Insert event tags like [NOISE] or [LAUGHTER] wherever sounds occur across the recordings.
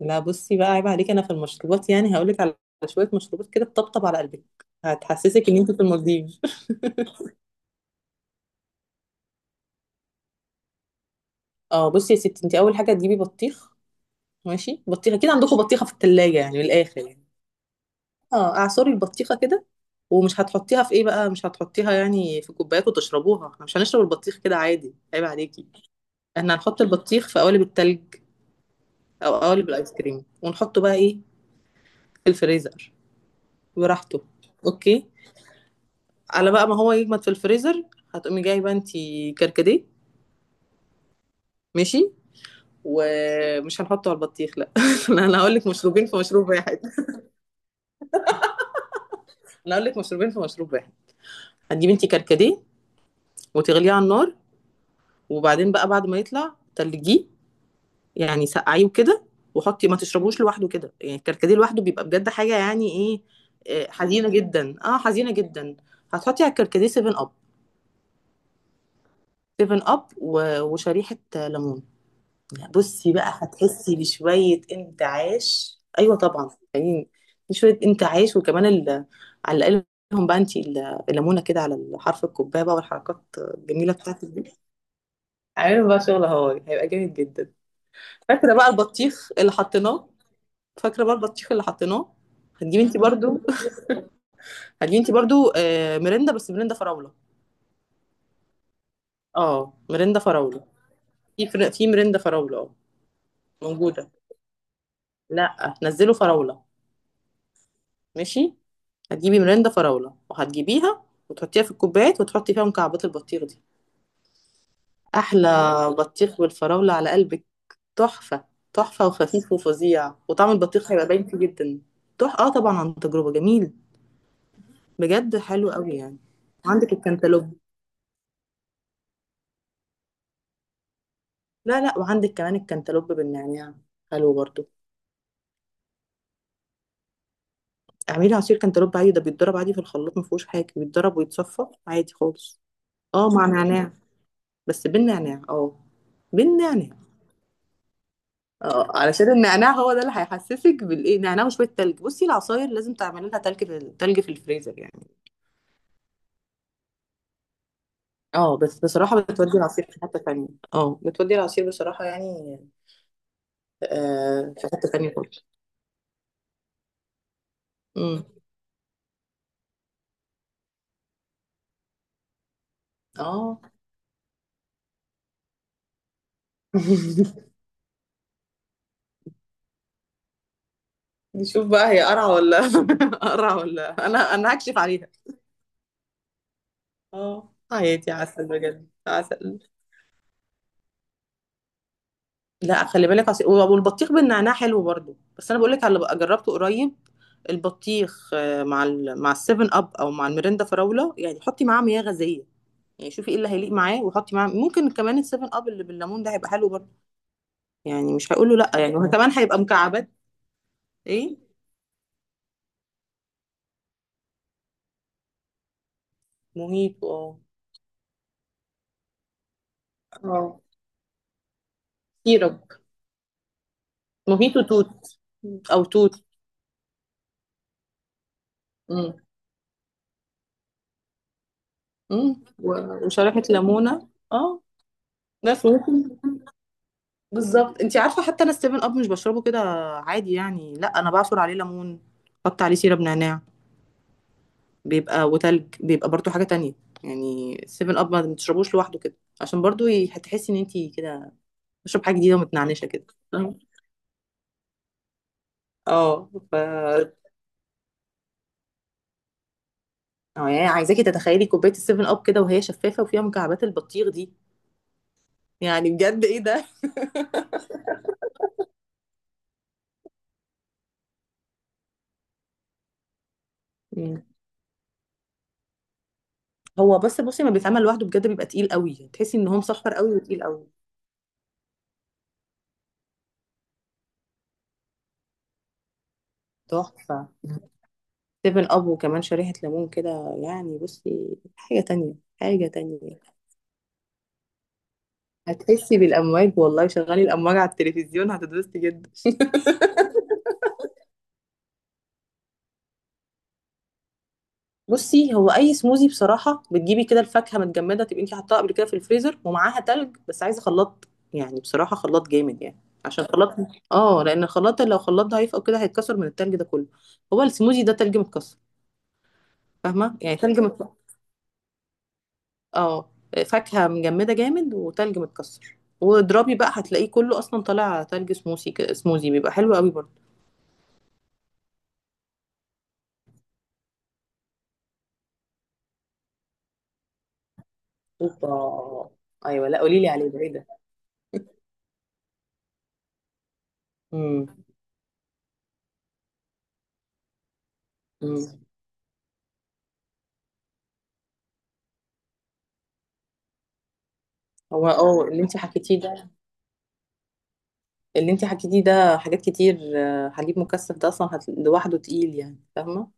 لا، بصي بقى، عيب عليك انا في المشروبات، يعني هقولك على شويه مشروبات كده تطبطب على قلبك. هتحسسك ان انت في المالديف. [LAUGHS] اه، بصي يا ستي، انت اول حاجه تجيبي بطيخ. ماشي، بطيخه كده. عندكم بطيخه في الثلاجه؟ يعني من الاخر يعني. اه، اعصري البطيخه كده. ومش هتحطيها في ايه بقى؟ مش هتحطيها يعني في كوبايات وتشربوها. احنا مش هنشرب البطيخ كده عادي، عيب عليكي. احنا هنحط البطيخ في قوالب التلج او قوالب الايس كريم ونحطه بقى ايه في الفريزر، براحته. اوكي، على بقى ما هو يجمد في الفريزر. هتقومي جايبه انتي كركديه. ماشي. ومش هنحطه على البطيخ، لا. [LAUGHS] لا، انا هقول لك مشروبين في مشروب واحد. انا هقول لك مشروبين في مشروب واحد. هتجيبي انتي كركديه وتغليه على النار، وبعدين بقى بعد ما يطلع تلجيه، يعني سقعيه وكده. وحطي، ما تشربوش لوحده كده، يعني الكركديه لوحده بيبقى بجد حاجه يعني ايه. آه، حزينه جدا، حزينه جدا. هتحطي على الكركديه 7 اب. 7 اب و- وشريحه ليمون. يعني بصي بقى هتحسي بشوية انتعاش. أيوة طبعا يعني. شوية انتعاش، وكمان على الأقل. لهم بقى انتي الليمونة كده على حرف الكوباية بقى، والحركات الجميلة بتاعتك دي. عامل بقى شغل، هو هيبقى جامد جدا. فاكرة بقى البطيخ اللي حطيناه فاكرة بقى البطيخ اللي حطيناه. هتجيبي انتي برضو. [LAUGHS] هتجيبي انتي برضو، مرندة، بس مرندة فراولة. اه مرندة فراولة. في مرندة فراولة، اه. موجودة. لا، نزلوا فراولة. ماشي. هتجيبي مرندة فراولة وهتجيبيها وتحطيها في الكوبايات وتحطي فيها مكعبات البطيخ دي. أحلى. بطيخ بالفراولة على قلبك، تحفة. تحفة وخفيف وفظيع، وطعم البطيخ هيبقى باين فيه جدا. تح اه طبعا عن تجربة، جميل. بجد حلو قوي يعني. وعندك الكنتالوب. لا، لا، وعندك كمان الكنتالوب بالنعناع، حلو برضو. اعملي عصير كنتالوب عادي، ده بيتضرب عادي في الخلاط، ما فيهوش حاجة، بيتضرب ويتصفى عادي خالص. اه، مع نعناع. بس بالنعناع، بالنعناع. اه، علشان النعناع هو ده اللي هيحسسك بالايه، نعناع وشويه تلج. بصي، العصاير لازم تعملي لها تلج في التلج في الفريزر يعني. اه، بس بصراحه بتودي العصير في حته ثانيه. اه، بتودي العصير بصراحه، يعني في حته ثانيه خالص. امم. اه. [LAUGHS] نشوف بقى، هي قرعه ولا؟ [LAUGHS] قرعه ولا، انا هكشف عليها. اه، حياتي عسل، بجد عسل. لا، خلي بالك، عصير والبطيخ بالنعناع حلو برضو. بس انا بقول لك على اللي بقى جربته قريب. البطيخ، مع السيفن اب او مع الميريندا فراوله، يعني حطي معاه مياه غازيه. يعني شوفي ايه اللي هيليق معاه، وحطي معاه ممكن كمان السيفن اب اللي بالليمون، ده هيبقى حلو برضو. يعني مش هقوله لا يعني، وكمان هيبقى مكعبات. ايه؟ موهيتو، اه. اه، سيرب. موهيتو توت او توت. امم. مم. وشريحه ليمونه، اه. بس ممكن. بالظبط، انت عارفه حتى انا السيفن اب مش بشربه كده عادي يعني. لا، انا بعصر عليه ليمون. حط عليه سيرب نعناع. بيبقى وتلج، بيبقى برضو حاجه تانية. يعني السيفن اب ما تشربوش لوحده كده، عشان برضو هتحسي ان انت كده بشرب حاجه جديده ومتنعنشه كده. فاهمة؟ اه ف اه يعني عايزاكي تتخيلي كوبايه السيفن اب كده وهي شفافه وفيها مكعبات البطيخ دي. يعني بجد، ايه ده. مم. هو بس بصي، ما بيتعمل لوحده بجد، بيبقى تقيل قوي، تحسي ان هو مسحر قوي وتقيل قوي. تحفه. سيفن اب وكمان شريحة ليمون كده، يعني بصي حاجة تانية، حاجة تانية. هتحسي بالأمواج، والله شغلي الأمواج على التلفزيون هتتبسطي جدا. [LAUGHS] بصي، هو أي سموزي بصراحة بتجيبي كده الفاكهة متجمدة، تبقي انتي حطاها قبل كده في الفريزر، ومعاها تلج. بس عايزة خلاط، يعني بصراحة خلاط جامد، يعني عشان خلاط. اه، لأن الخلاط لو خلاط ضعيف أو كده هيتكسر من التلج ده كله. هو السموزي ده تلج متكسر. فاهمة؟ يعني تلج متكسر. اه، فاكهة مجمدة جامد، وتلج متكسر، واضربي بقى، هتلاقيه كله اصلا طالع تلج سموسي كده. سموزي بيبقى حلو قوي برضه. اوبا. ايوه، لا قولي لي عليه ده، ايه ده؟ امم. أمم. هو اللي انت حكيتيه ده حاجات كتير. حليب مكثف ده اصلا لوحده تقيل، يعني فاهمه؟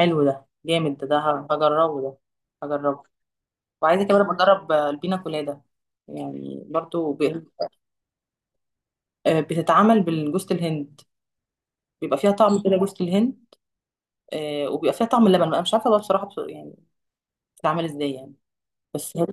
حلو، ده جامد، ده هجربه ده. هجربه. وعايزه كمان أبقى اجرب البينا كولادا. يعني برضو بتتعمل بالجوز الهند. بيبقى فيها طعم كده جوز الهند. وبيبقى فيها طعم اللبن بقى، مش عارفه بقى بصراحه، يعني. بتتعمل ازاي يعني؟ بس هي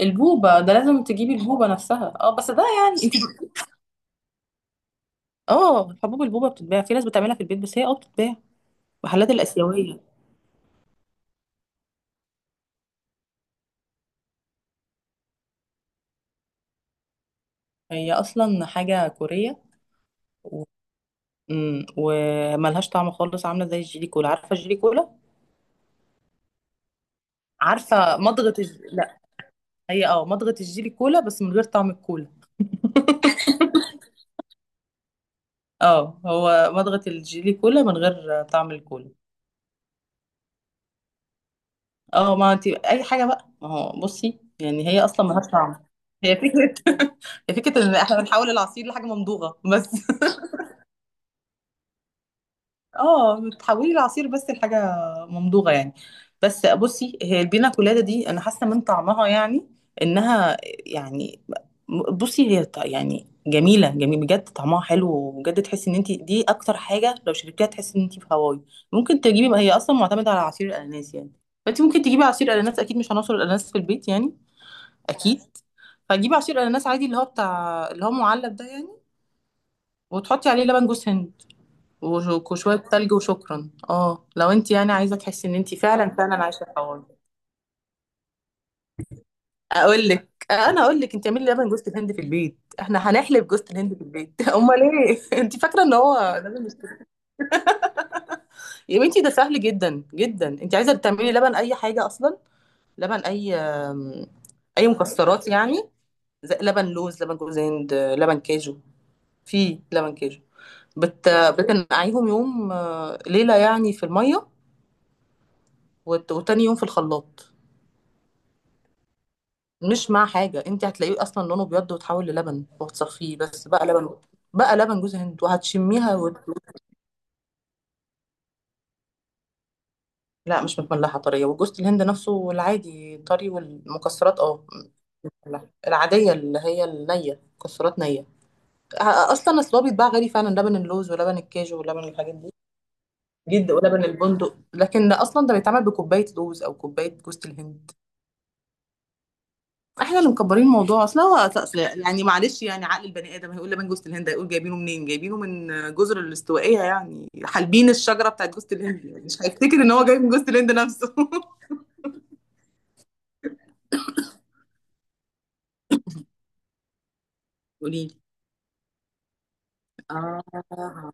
البوبه ده لازم تجيبي البوبه نفسها، اه، بس ده يعني انت. اه، حبوب البوبه بتتباع. في ناس بتعملها في البيت، بس هي بتتباع. محلات الاسيويه. هي اصلا حاجه كوريه. و... وملهاش طعم خالص، عامله زي الجيلي كولا، عارفه الجيلي كولا؟ عارفه مضغه لا. هي مضغه الجيلي كولا بس من غير طعم الكولا. اه، هو مضغه الجيلي كولا من غير طعم الكولا. اه، ما انت اي حاجه بقى، ما هو بصي يعني هي اصلا ملهاش طعم. هي فكره. [LAUGHS] هي فكره ان احنا بنحول العصير لحاجه ممضوغه بس. [LAUGHS] اه، بتحولي العصير بس لحاجه ممضوغه يعني. بس بصي هي البينا كولادا دي انا حاسه من طعمها، يعني انها، يعني، بصي هي يعني جميله، جميل بجد، طعمها حلو، وبجد تحسي ان انت دي اكتر حاجه، لو شربتيها تحسي ان انت في هواي. ممكن تجيبي، هي اصلا معتمده على عصير الاناناس يعني. فانت ممكن تجيبي عصير اناناس، اكيد مش هنوصل الاناناس في البيت يعني. اكيد. فهتجيبي عصير اناناس عادي، اللي هو بتاع اللي هو معلب ده يعني. وتحطي عليه لبن جوز هند. وش- وشويه تلج، وشكرا، اه لو انت يعني عايزه تحسي ان انت فعلا فعلا عايشه الحوار ده. اقول لك انا، اقول لك انت اعملي لبن جوز الهند في البيت، احنا هنحلب جوز الهند في البيت. [LAUGHS] امال ايه؟ [LAUGHS] انت فاكره ان هو. يا بنتي، ده سهل جدا جدا، انت عايزه تعملي لبن اي حاجه اصلا. لبن اي، اي مكسرات يعني. زي لبن لوز، لبن جوز هند، لبن كاجو. في لبن كاجو. بت... بتنقعيهم يوم، ليلة يعني، في المية. وت... وتاني يوم في الخلاط. مش مع حاجة، انت هتلاقيه اصلا لونه بيض، وتحول للبن، وهتصفيه بس بقى لبن. بقى لبن جوز هند وهتشميها لا، مش متملحة، طرية، وجوز الهند نفسه العادي طري، والمكسرات اه. متملحة. العادية اللي هي النية، مكسرات نية. اصلا، اصل هو بيتباع غالي فعلا، لبن اللوز ولبن الكاجو ولبن الحاجات دي. جد، ولبن البندق، لكن اصلا ده بيتعمل بكوباية لوز او كوباية جوز الهند. احنا اللي مكبرين الموضوع، اصل هو أصل يعني، معلش يعني عقل البني ادم هيقول لبان جوز الهند، هيقول جايبينه منين، جايبينه من جزر الاستوائيه يعني، حالبين الشجره بتاعت جوز الهند، يعني مش هيفتكر ان هو جاي من جوز الهند نفسه. [LAUGHS] قولي لي. اه،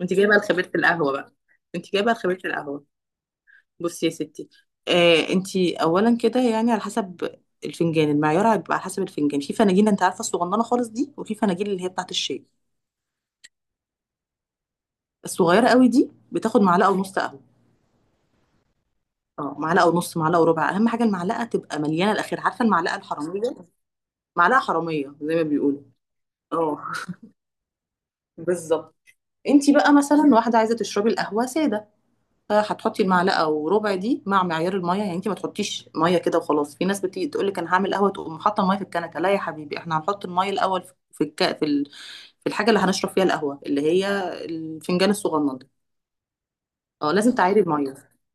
انت جايبه لخبيره القهوه بقى انت جايبه لخبيره القهوه. بصي يا ستي، انت. اولا كده يعني على حسب. الفنجان المعيار هيبقى على حسب الفنجان، في فناجين انت عارفه الصغننه خالص دي، وفي فناجين اللي هي بتاعت الشاي. الصغيره قوي دي بتاخد معلقه ونص قهوه. اه، معلقه ونص، معلقه وربع. اهم حاجه المعلقه تبقى مليانه الاخير، عارفه المعلقه الحراميه؟ معلقه حراميه زي ما بيقولوا. اه. [LAUGHS] بالظبط. انتي بقى مثلا واحده عايزه تشربي القهوه ساده، فهتحطي المعلقه وربع دي مع معيار الميه. يعني انتي ما تحطيش ميه كده وخلاص. في ناس بتيجي تقول لك انا هعمل قهوه، تقوم حاطه الميه في الكنكه، لا يا حبيبي، احنا هنحط الميه الاول في في الحاجه اللي هنشرب فيها القهوه، اللي هي الفنجان الصغنن. اه، لازم تعايري الميه.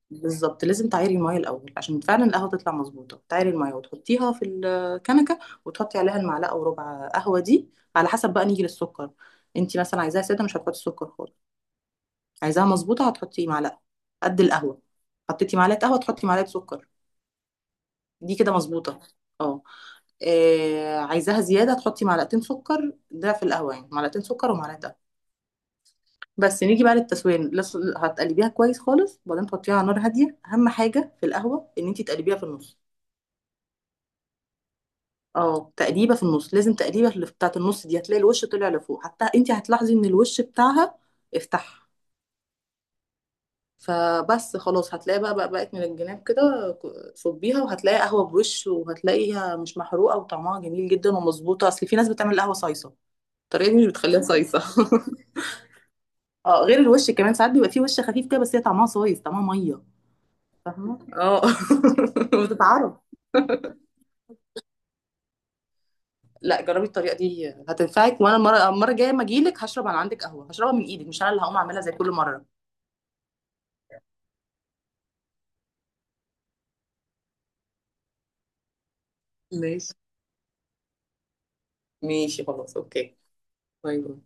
بالظبط، لازم تعايري الميه الاول عشان فعلا القهوه تطلع مظبوطه، تعايري الميه وتحطيها في الكنكه، وتحطي عليها المعلقه وربع قهوه دي. على حسب بقى، نيجي للسكر. انت مثلا عايزاها ساده مش هتحطي سكر خالص. عايزاها مظبوطه هتحطي معلقه قد القهوه. حطيتي معلقه قهوه تحطي معلقه سكر، دي كده مظبوطه. اه، عايزاها زياده تحطي معلقتين سكر، ده في القهوه يعني، معلقتين سكر ومعلقه. بس نيجي بقى للتسويه، هتقلبيها كويس خالص، وبعدين تحطيها على نار هاديه. اهم حاجه في القهوه ان انت تقلبيها في النص. اه، تقليبه في النص، لازم تقليبه اللي بتاعه النص، دي هتلاقي الوش طلع لفوق، حتى انت هتلاحظي ان الوش بتاعها افتح. فبس خلاص، هتلاقي بقى بقت من الجناب كده. صبيها، وهتلاقي قهوه بوش، وهتلاقيها مش محروقه وطعمها جميل جدا ومظبوطه. اصل في ناس بتعمل قهوه صايصه، الطريقه دي مش بتخليها صايصه. [LAUGHS] اه، غير الوش كمان ساعات بيبقى فيه وش خفيف كده، بس هي طعمها صايص، طعمها ميه. فاهمه؟ اه. [LAUGHS] وتتعرف. لا، جربي الطريقه دي هتنفعك، وانا المره الجايه ما اجيلك هشرب على عندك قهوه، هشربها من ايدك، مش انا اللي هقوم اعملها زي كل مره. ماشي، ماشي، خلاص، اوكي. باي باي.